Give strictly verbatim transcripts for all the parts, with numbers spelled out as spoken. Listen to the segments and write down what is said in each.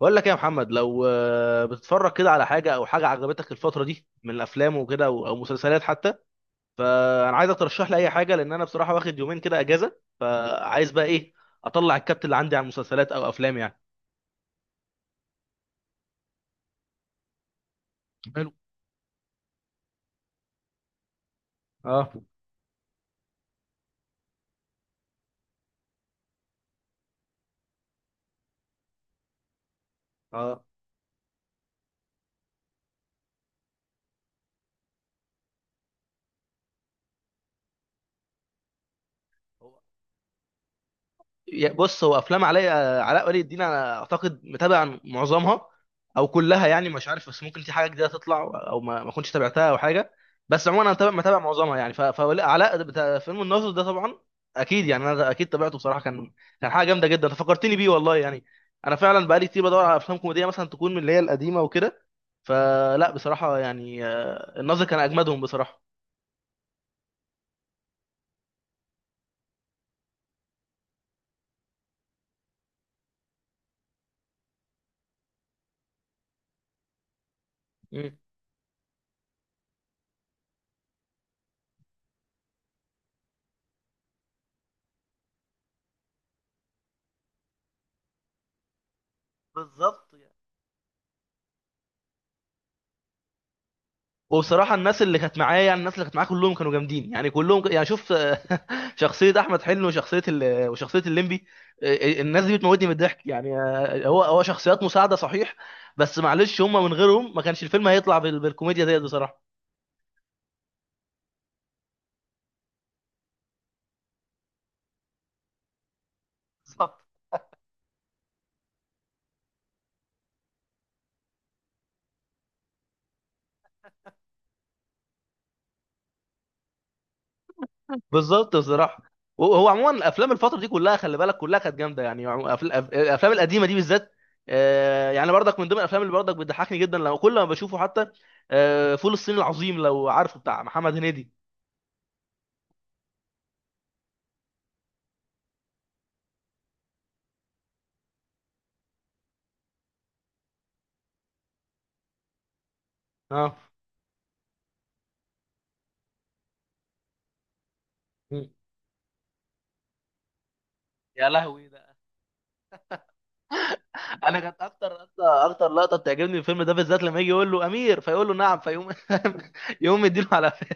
بقول لك ايه يا محمد، لو آه، بتتفرج كده على حاجه او حاجه عجبتك الفتره دي من الافلام وكده او أو مسلسلات حتى. فانا عايزك ترشح لي اي حاجه، لان انا بصراحه واخد يومين كده اجازه، فعايز بقى ايه اطلع الكبت اللي عندي على المسلسلات او افلام يعني. حلو. اه. اه. يا- بص، هو افلام علاء، علاء ولي الدين انا اعتقد متابع معظمها او كلها يعني، مش عارف، بس ممكن في حاجه جديده تطلع او ما ما كنتش تابعتها او حاجه. بس عموما انا متابع متابع معظمها يعني. ف- فعلاء بتاع فيلم الناظر ده طبعا اكيد يعني، انا اكيد تابعته بصراحه. كان كان حاجه جامده جدا، أنت فكرتني بيه والله يعني. انا فعلا بقالي كتير بدور على افلام كوميديه مثلا تكون من اللي هي القديمه وكده. فلا بصراحه يعني، آه، الناظر كان اجمدهم بصراحه. مم. بالظبط. وبصراحه الناس اللي كانت معايا، يعني الناس اللي كانت معايا كلهم كانوا جامدين يعني، كلهم يعني. شوف، شخصيه احمد حلمي وشخصيه ال... وشخصيه الليمبي، آه، آه، الناس دي بتموتني من الضحك يعني. آه، هو هو شخصيات مساعده صحيح، بس معلش هم من غيرهم ما كانش الفيلم هيطلع بال... بالكوميديا ديت بصراحه. بالظبط. بالظبط بصراحه. وهو عموما افلام الفتره دي كلها، خلي بالك كلها كانت جامده يعني. عمو- أف- الأف- الافلام القديمه دي بالذات. آه، يعني برضك من ضمن الافلام اللي برضك بتضحكني جدا لو كل ما بشوفه حتى، آه، فول الصين العظيم لو عارفه، بتاع محمد هنيدي. اه. مم. يا لهوي ده! انا كانت اكتر اكتر اكتر لقطه بتعجبني في الفيلم ده بالذات، لما يجي يقول له امير فيقول له نعم فيقوم يقوم مديله على قفاه.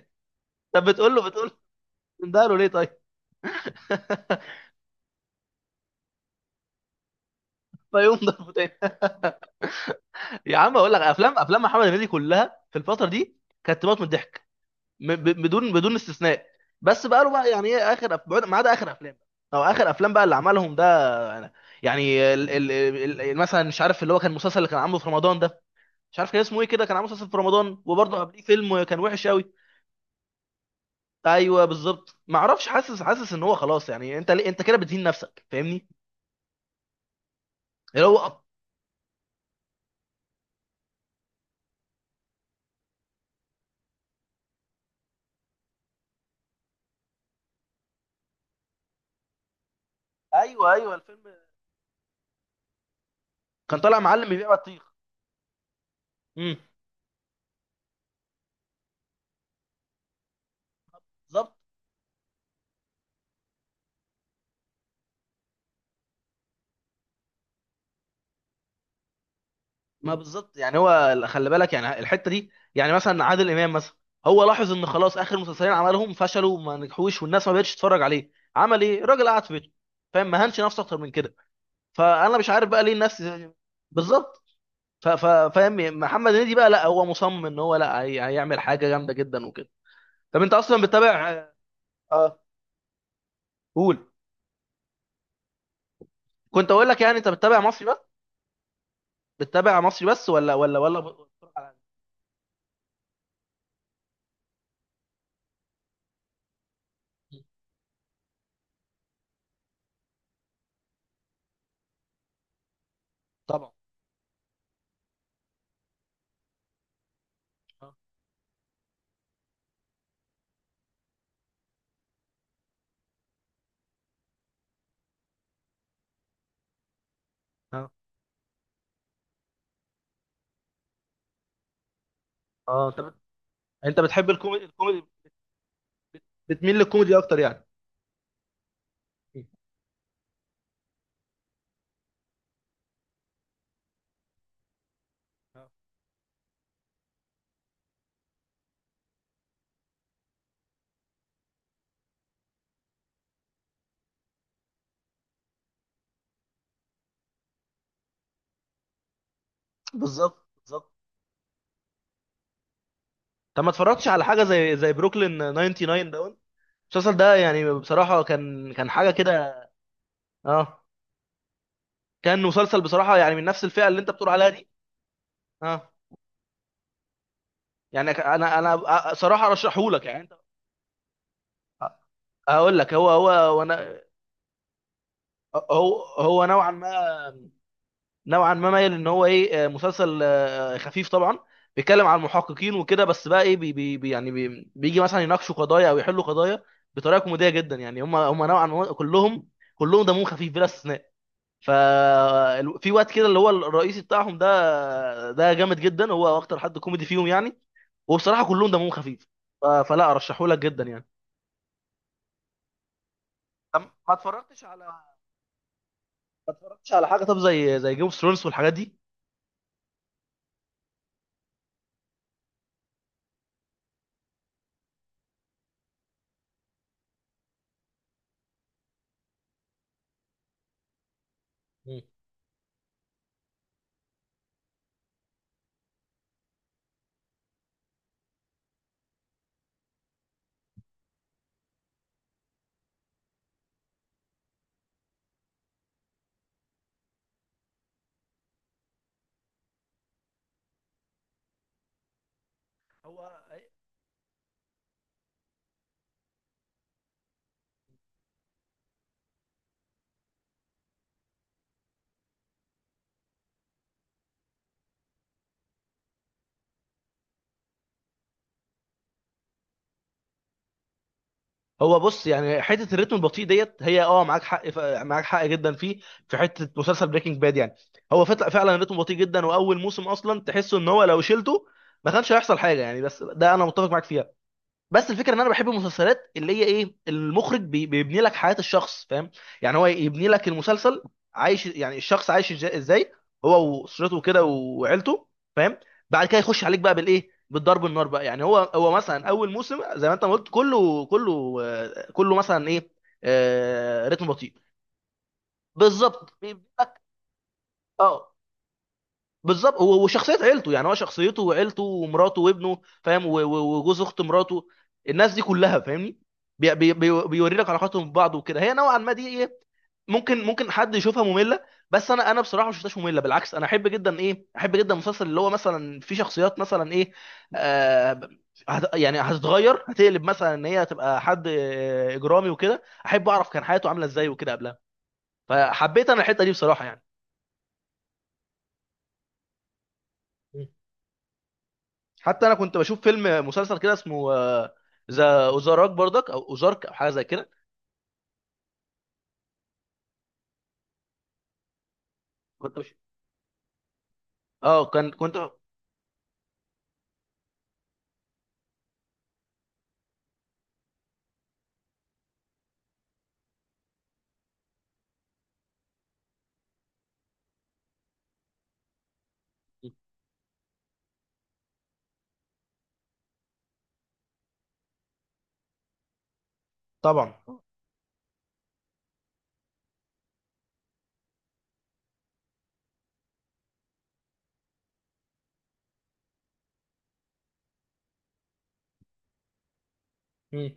طب بتقول له، بتقول له ده له ليه طيب؟ فيقوم ضربه تاني. يا عم اقول لك، افلام، افلام محمد هنيدي كلها في الفتره دي كانت تموت من الضحك، م- ب- بدون بدون استثناء. بس بقى له بقى يعني ايه اخر أف- بعد- ما عدا اخر افلام او اخر افلام بقى اللي عملهم ده يعني. يعني ال- ال- ال- مثلا، مش عارف، اللي هو كان المسلسل اللي كان عامله في رمضان ده، مش عارف كان اسمه ايه كده، كان عامل مسلسل في رمضان وبرضه قبليه فيلم كان وحش قوي. ايوه بالظبط. ما اعرفش، حاسس حاسس ان هو خلاص يعني، انت ليه انت كده بتهين نفسك؟ فاهمني؟ اللي هو أب... ايوه ايوه، الفيلم كان طالع معلم بيبيع بطيخ. امم. بالظبط. ما بالظبط يعني، هو خلي بالك يعني الحته دي، يعني مثلا عادل امام مثلا، هو لاحظ ان خلاص اخر مسلسلين عملهم فشلوا وما نجحوش والناس ما بقتش تتفرج عليه، عمل ايه الراجل؟ قعد في بيته، فاهم؟ ما هنش نفسه اكتر من كده. فانا مش عارف بقى ليه الناس. بالظبط. ف- ف- فاهم، محمد هنيدي بقى لا، هو مصمم ان هو لا، هي- هيعمل حاجه جامده جدا وكده. طب انت اصلا بتتابع؟ اه. قول. كنت اقول لك يعني، انت بتتابع مصري بس، بتتابع مصري بس ولا ولا ولا بتتفرج على أجنبي؟ طبعا. اه. اه. اه. انت بت- انت بتحب الكوميدي، الكوميدي، بتميل للكوميدي اكتر يعني. آه. بالظبط. بالظبط. طب ما اتفرجتش على حاجه زي زي بروكلين تسعه وتسعين ده؟ المسلسل ده يعني بصراحه كان، كان حاجه كده. اه. كان مسلسل بصراحه يعني من نفس الفئه اللي انت بتقول عليها دي. اه، يعني انا، انا صراحه ارشحه لك يعني انت. هقول لك، هو هو وانا، هو هو نوعا ما، نوعا ما مايل ان هو ايه، آه، مسلسل آه، خفيف طبعا. بيتكلم عن محققين وكده، بس بقى ايه، بي بي بي- يعني بي بيجي مثلا يناقشوا قضايا او يحلوا قضايا بطريقه كوميديه جدا يعني. هم هم نوعا ما كلهم، كلهم دمهم خفيف بلا استثناء. ف ال- في وقت كده اللي هو الرئيسي بتاعهم ده، ده جامد جدا، هو اكتر حد كوميدي فيهم يعني. وبصراحه كلهم دمهم خفيف. ف- فلا ارشحه لك جدا يعني. طب ما اتفرجتش على، ما اتفرجتش على حاجه طب زي زي جيم اوف ثرونز والحاجات دي؟ مم. هو، هو بص يعني، حته الريتم البطيء ديت هي اه، معاك حق ف... معاك حق جدا فيه، في حته مسلسل بريكنج باد يعني. هو فت- فعلا الريتم بطيء جدا، واول موسم اصلا تحسه ان هو لو شلته ما كانش هيحصل حاجه يعني. بس ده انا متفق معاك فيها. بس الفكره ان انا بحب المسلسلات اللي هي ايه، المخرج بي- بيبني لك حياه الشخص، فاهم؟ يعني هو يبني لك المسلسل عايش، يعني الشخص عايش إج- ازاي هو واسرته كده وعيلته، فاهم؟ بعد كده يخش عليك بقى بالايه، بالضرب النار بقى يعني. هو هو مثلا اول موسم زي ما انت ما قلت، كله، كله آه، كله مثلا ايه، آه، رتم بطيء. بالظبط، بيبني لك. اه. بالظبط، هو وشخصيه عيلته يعني، هو شخصيته وعيلته ومراته وابنه، فاهم؟ و- و- وجوز اخت مراته، الناس دي كلها، فاهمني؟ بي بي بي بيوري لك علاقاتهم ببعض وكده. هي نوعا ما دي ايه، ممكن، ممكن حد يشوفها ممله، بس انا، انا بصراحه ما شفتهاش ممله، بالعكس، انا احب جدا ايه، احب جدا المسلسل اللي هو مثلا فيه شخصيات مثلا ايه، آه، هت- يعني هتتغير، هتقلب مثلا ان هي هتبقى حد آه، اجرامي وكده، احب اعرف كان حياته عامله ازاي وكده قبلها. فحبيت انا الحته دي بصراحه يعني. حتى انا كنت بشوف فيلم مسلسل كده اسمه آه، ذا اوزارك برضك او اوزارك او حاجه زي كده. كنت بش... اه، كان، كنت. طبعا. مم.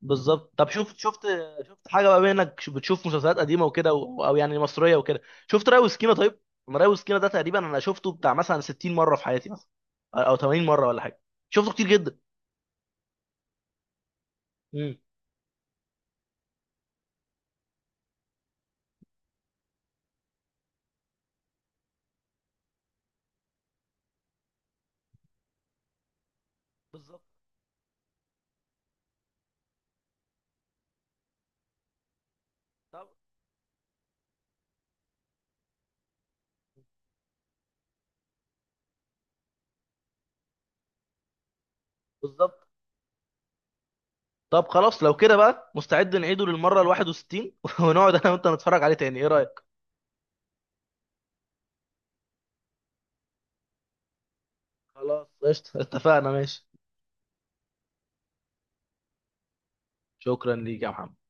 بالظبط. طب شفت، شفت، شفت حاجه بقى بما انك ش- بتشوف مسلسلات قديمه وكده و- او يعني مصريه وكده، شفت راي وسكينه طيب؟ أنا راي وسكينه ده تقريبا انا شفته بتاع مثلا ستين مره في حياتي مثلا، او تمانين مره ولا حاجه، شفته كتير جدا. مم. بالظبط. طب بالظبط، طب خلاص لو كده بقى مستعد نعيده للمره ال الحادية والستين ونقعد انا وانت نتفرج عليه تاني، ايه رايك؟ خلاص قشطة، اتفقنا، ماشي. شكرا ليك يا محمد.